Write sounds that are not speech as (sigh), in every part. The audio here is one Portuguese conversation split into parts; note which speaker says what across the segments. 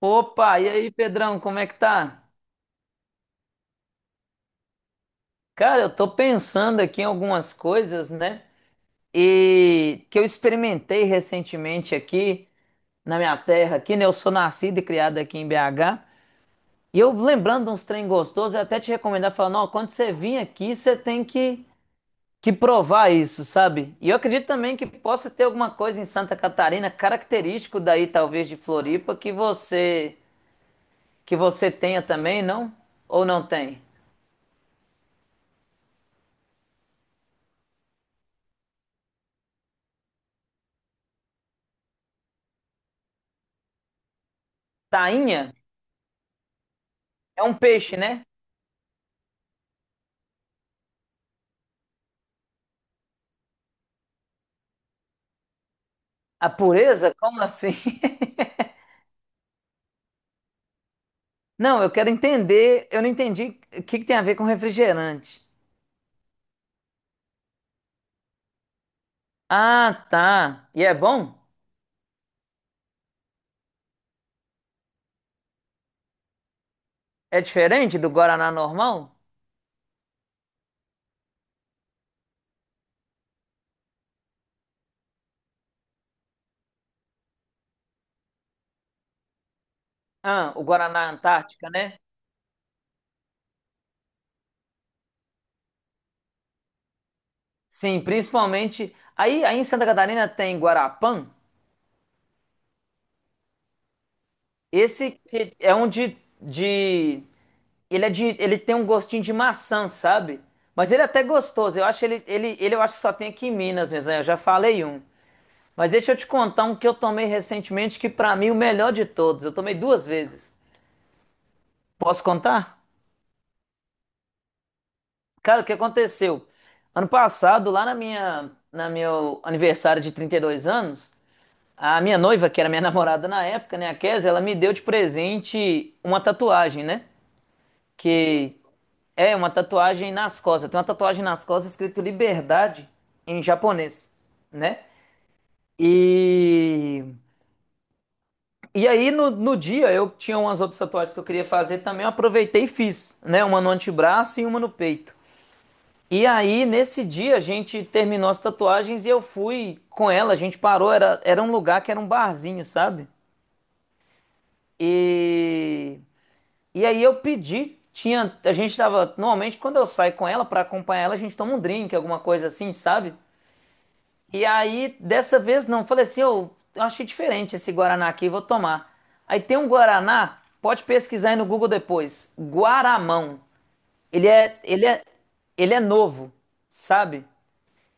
Speaker 1: Opa, e aí, Pedrão, como é que tá? Cara, eu tô pensando aqui em algumas coisas, né? E que eu experimentei recentemente aqui na minha terra, aqui, né? Eu sou nascido e criado aqui em BH. E eu lembrando de uns trem gostosos, eu até te recomendar, falando, ó, quando você vir aqui, você tem que provar isso, sabe? E eu acredito também que possa ter alguma coisa em Santa Catarina, característico daí, talvez, de Floripa, que você tenha também, não? Ou não tem? Tainha? É um peixe, né? A pureza? Como assim? (laughs) Não, eu quero entender. Eu não entendi o que que tem a ver com refrigerante. Ah, tá. E é bom? É diferente do Guaraná normal? Ah, o Guaraná Antártica, né? Sim, principalmente. Aí, aí em Santa Catarina tem Guarapã. Esse que é um de, de. Ele é de. Ele tem um gostinho de maçã, sabe? Mas ele é até gostoso. Eu acho ele, eu acho que só tem aqui em Minas mesmo, né? Eu já falei um. Mas deixa eu te contar um que eu tomei recentemente, que pra mim é o melhor de todos. Eu tomei duas vezes. Posso contar? Cara, o que aconteceu? Ano passado, lá na meu aniversário de 32 anos, a minha noiva, que era minha (laughs) namorada na época, né, a Kézia, ela me deu de presente uma tatuagem, né? Que é uma tatuagem nas costas. Tem uma tatuagem nas costas escrito liberdade em japonês, né? E E aí, no dia, eu tinha umas outras tatuagens que eu queria fazer também, eu aproveitei e fiz, né? Uma no antebraço e uma no peito. E aí, nesse dia, a gente terminou as tatuagens e eu fui com ela, a gente parou, era um lugar que era um barzinho, sabe? E, e aí eu pedi, tinha, a gente tava, normalmente quando eu saio com ela pra acompanhar ela, a gente toma um drink, alguma coisa assim, sabe? E aí, dessa vez não, falei assim, eu achei diferente esse Guaraná aqui, vou tomar. Aí tem um Guaraná, pode pesquisar aí no Google depois, Guaramão. Ele é, ele é, ele é novo, sabe?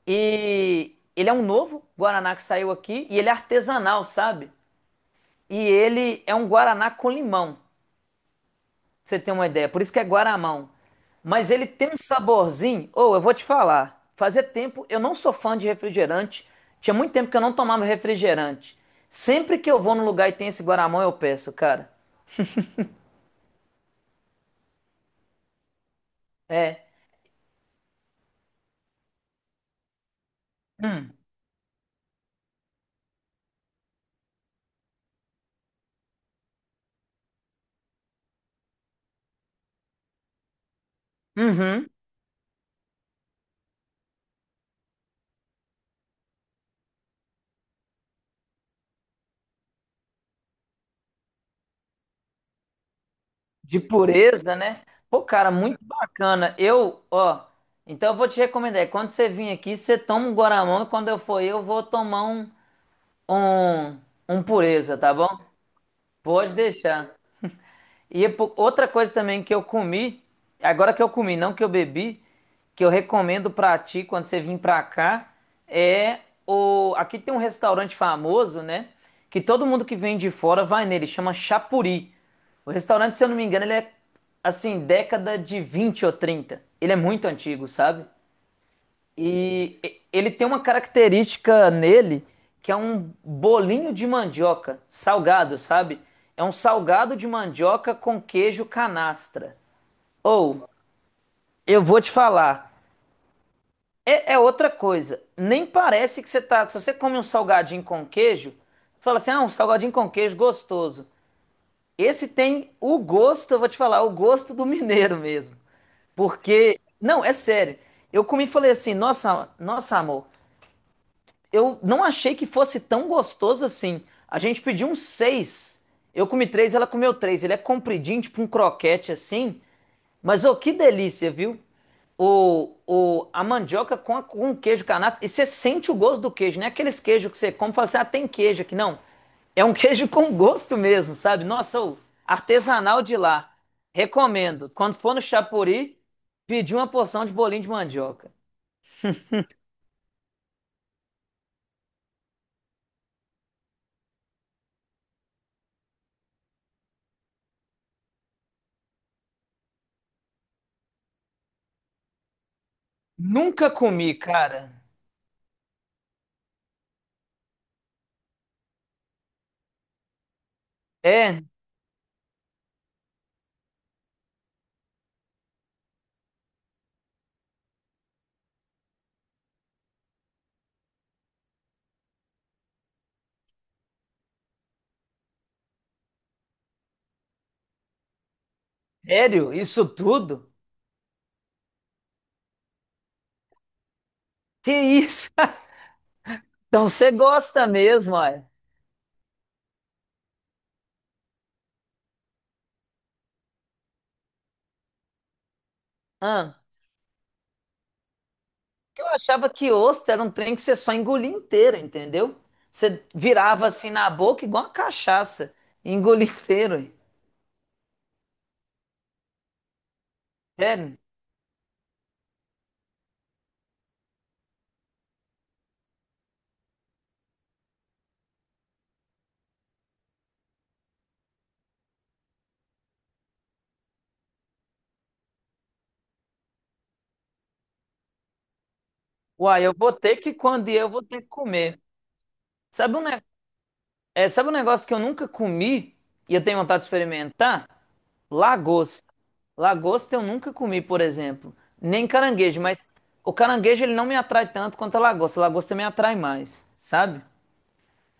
Speaker 1: E ele é um novo Guaraná que saiu aqui e ele é artesanal, sabe? E ele é um Guaraná com limão. Pra você tem uma ideia. Por isso que é Guaramão. Mas ele tem um saborzinho. Ou eu vou te falar. Fazia tempo, eu não sou fã de refrigerante. Tinha muito tempo que eu não tomava refrigerante. Sempre que eu vou num lugar e tem esse Guaramão, eu peço, cara. É. Hum. Uhum. De pureza, né? Pô, cara, muito bacana. Eu, ó. Então eu vou te recomendar. Quando você vir aqui, você toma um Guaramão e quando eu for, eu vou tomar um, um pureza, tá bom? Pode deixar. E é outra coisa também que eu comi, agora que eu comi, não que eu bebi, que eu recomendo pra ti quando você vir pra cá, é o. Aqui tem um restaurante famoso, né? Que todo mundo que vem de fora vai nele, chama Chapuri. O restaurante, se eu não me engano, ele é assim, década de 20 ou 30. Ele é muito antigo, sabe? Ele tem uma característica nele que é um bolinho de mandioca, salgado, sabe? É um salgado de mandioca com queijo canastra. Ou, eu vou te falar, é, é outra coisa. Nem parece que você tá. Se você come um salgadinho com queijo, você fala assim: ah, um salgadinho com queijo gostoso. Esse tem o gosto, eu vou te falar, o gosto do mineiro mesmo. Porque, não, é sério. Eu comi e falei assim: nossa, nossa, amor. Eu não achei que fosse tão gostoso assim. A gente pediu um seis. Eu comi três, ela comeu três. Ele é compridinho, tipo um croquete assim. Mas oh, que delícia, viu? A mandioca com, a, com queijo canastra. E você sente o gosto do queijo, não é aqueles queijos que você come e fala assim, ah, tem queijo aqui. Não. É um (laughs) queijo com gosto mesmo, sabe? Nossa, ô, artesanal de lá. Recomendo. Quando for no Chapuri, pedir uma porção de bolinho de mandioca. Nunca comi, cara. É, sério? Isso tudo? Que isso? (laughs) Então você gosta mesmo, olha. Ah, porque eu achava que ostra era um trem que você só engolia inteiro, entendeu? Você virava assim na boca igual uma cachaça. E engolia (laughs) inteiro. Ué. Sério? Uai, eu vou ter que, quando ir, eu vou ter que comer. Sabe um negócio? É, sabe um negócio que eu nunca comi e eu tenho vontade de experimentar? Lagosta. Lagosta eu nunca comi, por exemplo. Nem caranguejo, mas o caranguejo ele não me atrai tanto quanto a lagosta. A lagosta me atrai mais, sabe?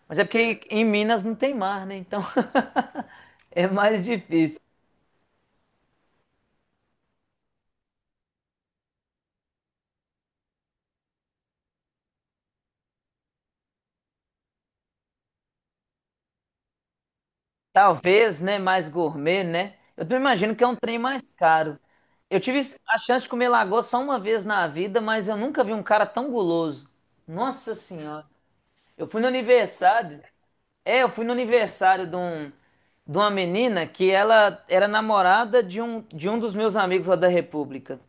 Speaker 1: Mas é porque em Minas não tem mar, né? Então (laughs) é mais difícil. Talvez, né? Mais gourmet, né? Eu também imagino que é um trem mais caro. Eu tive a chance de comer lagosta só uma vez na vida, mas eu nunca vi um cara tão guloso. Nossa Senhora. Eu fui no aniversário. É, eu fui no aniversário de uma menina que ela era namorada de um dos meus amigos lá da República.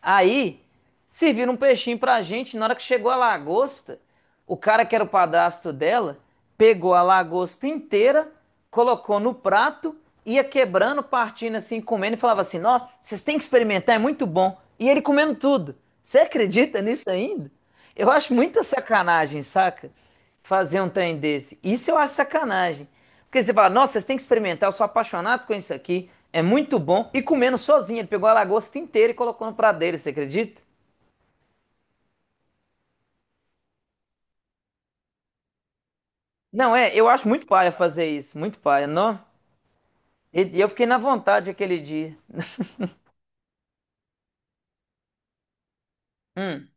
Speaker 1: Aí, serviram um peixinho pra gente. Na hora que chegou a lagosta, o cara que era o padrasto dela pegou a lagosta inteira, colocou no prato, ia quebrando, partindo assim, comendo e falava assim: Ó, vocês têm que experimentar, é muito bom. E ele comendo tudo. Você acredita nisso ainda? Eu acho muita sacanagem, saca? Fazer um trem desse. Isso eu acho sacanagem. Porque você fala, nossa, vocês têm que experimentar, eu sou apaixonado com isso aqui, é muito bom. E comendo sozinho, ele pegou a lagosta inteira e colocou no prato dele, você acredita? Não, é, eu acho muito paia fazer isso, muito paia, não? E eu fiquei na vontade aquele dia. Hum.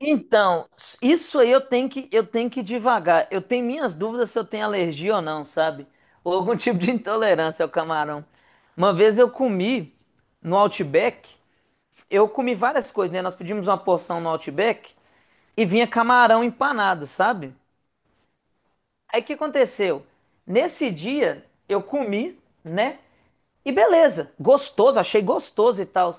Speaker 1: Então, isso aí eu tenho que ir devagar. Eu tenho minhas dúvidas se eu tenho alergia ou não, sabe? Ou algum (laughs) tipo de intolerância ao camarão. Uma vez eu comi no Outback, eu comi várias coisas, né? Nós pedimos uma porção no Outback e vinha camarão empanado, sabe? Aí o que aconteceu? Nesse dia eu comi, né? E beleza, gostoso, achei gostoso e tal.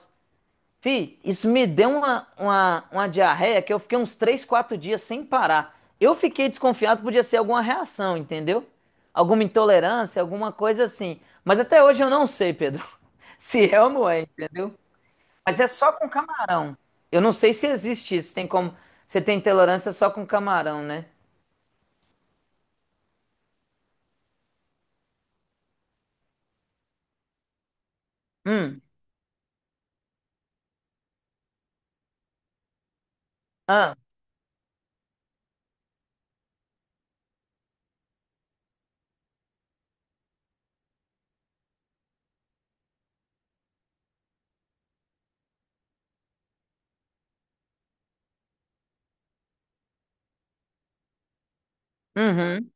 Speaker 1: Fih, isso me deu uma diarreia que eu fiquei uns 3, 4 dias sem parar. Eu fiquei desconfiado que podia ser alguma reação, entendeu? Alguma intolerância, alguma coisa assim. Mas até hoje eu não sei, Pedro, (laughs) se é ou não é, entendeu? Mas é só com camarão. Eu não sei se existe isso. Tem como. Você tem tolerância só com camarão, né? Hum. Ah. Uhum.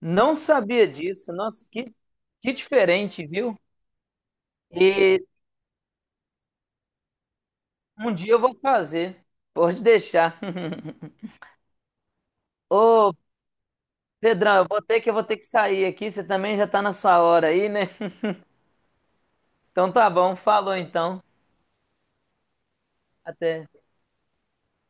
Speaker 1: Não sabia disso. Nossa, que diferente, viu? E um dia eu vou fazer. Pode deixar. (laughs) Ô, Pedrão, eu vou ter que sair aqui. Você também já tá na sua hora aí, né? Então tá bom. Falou então. Até.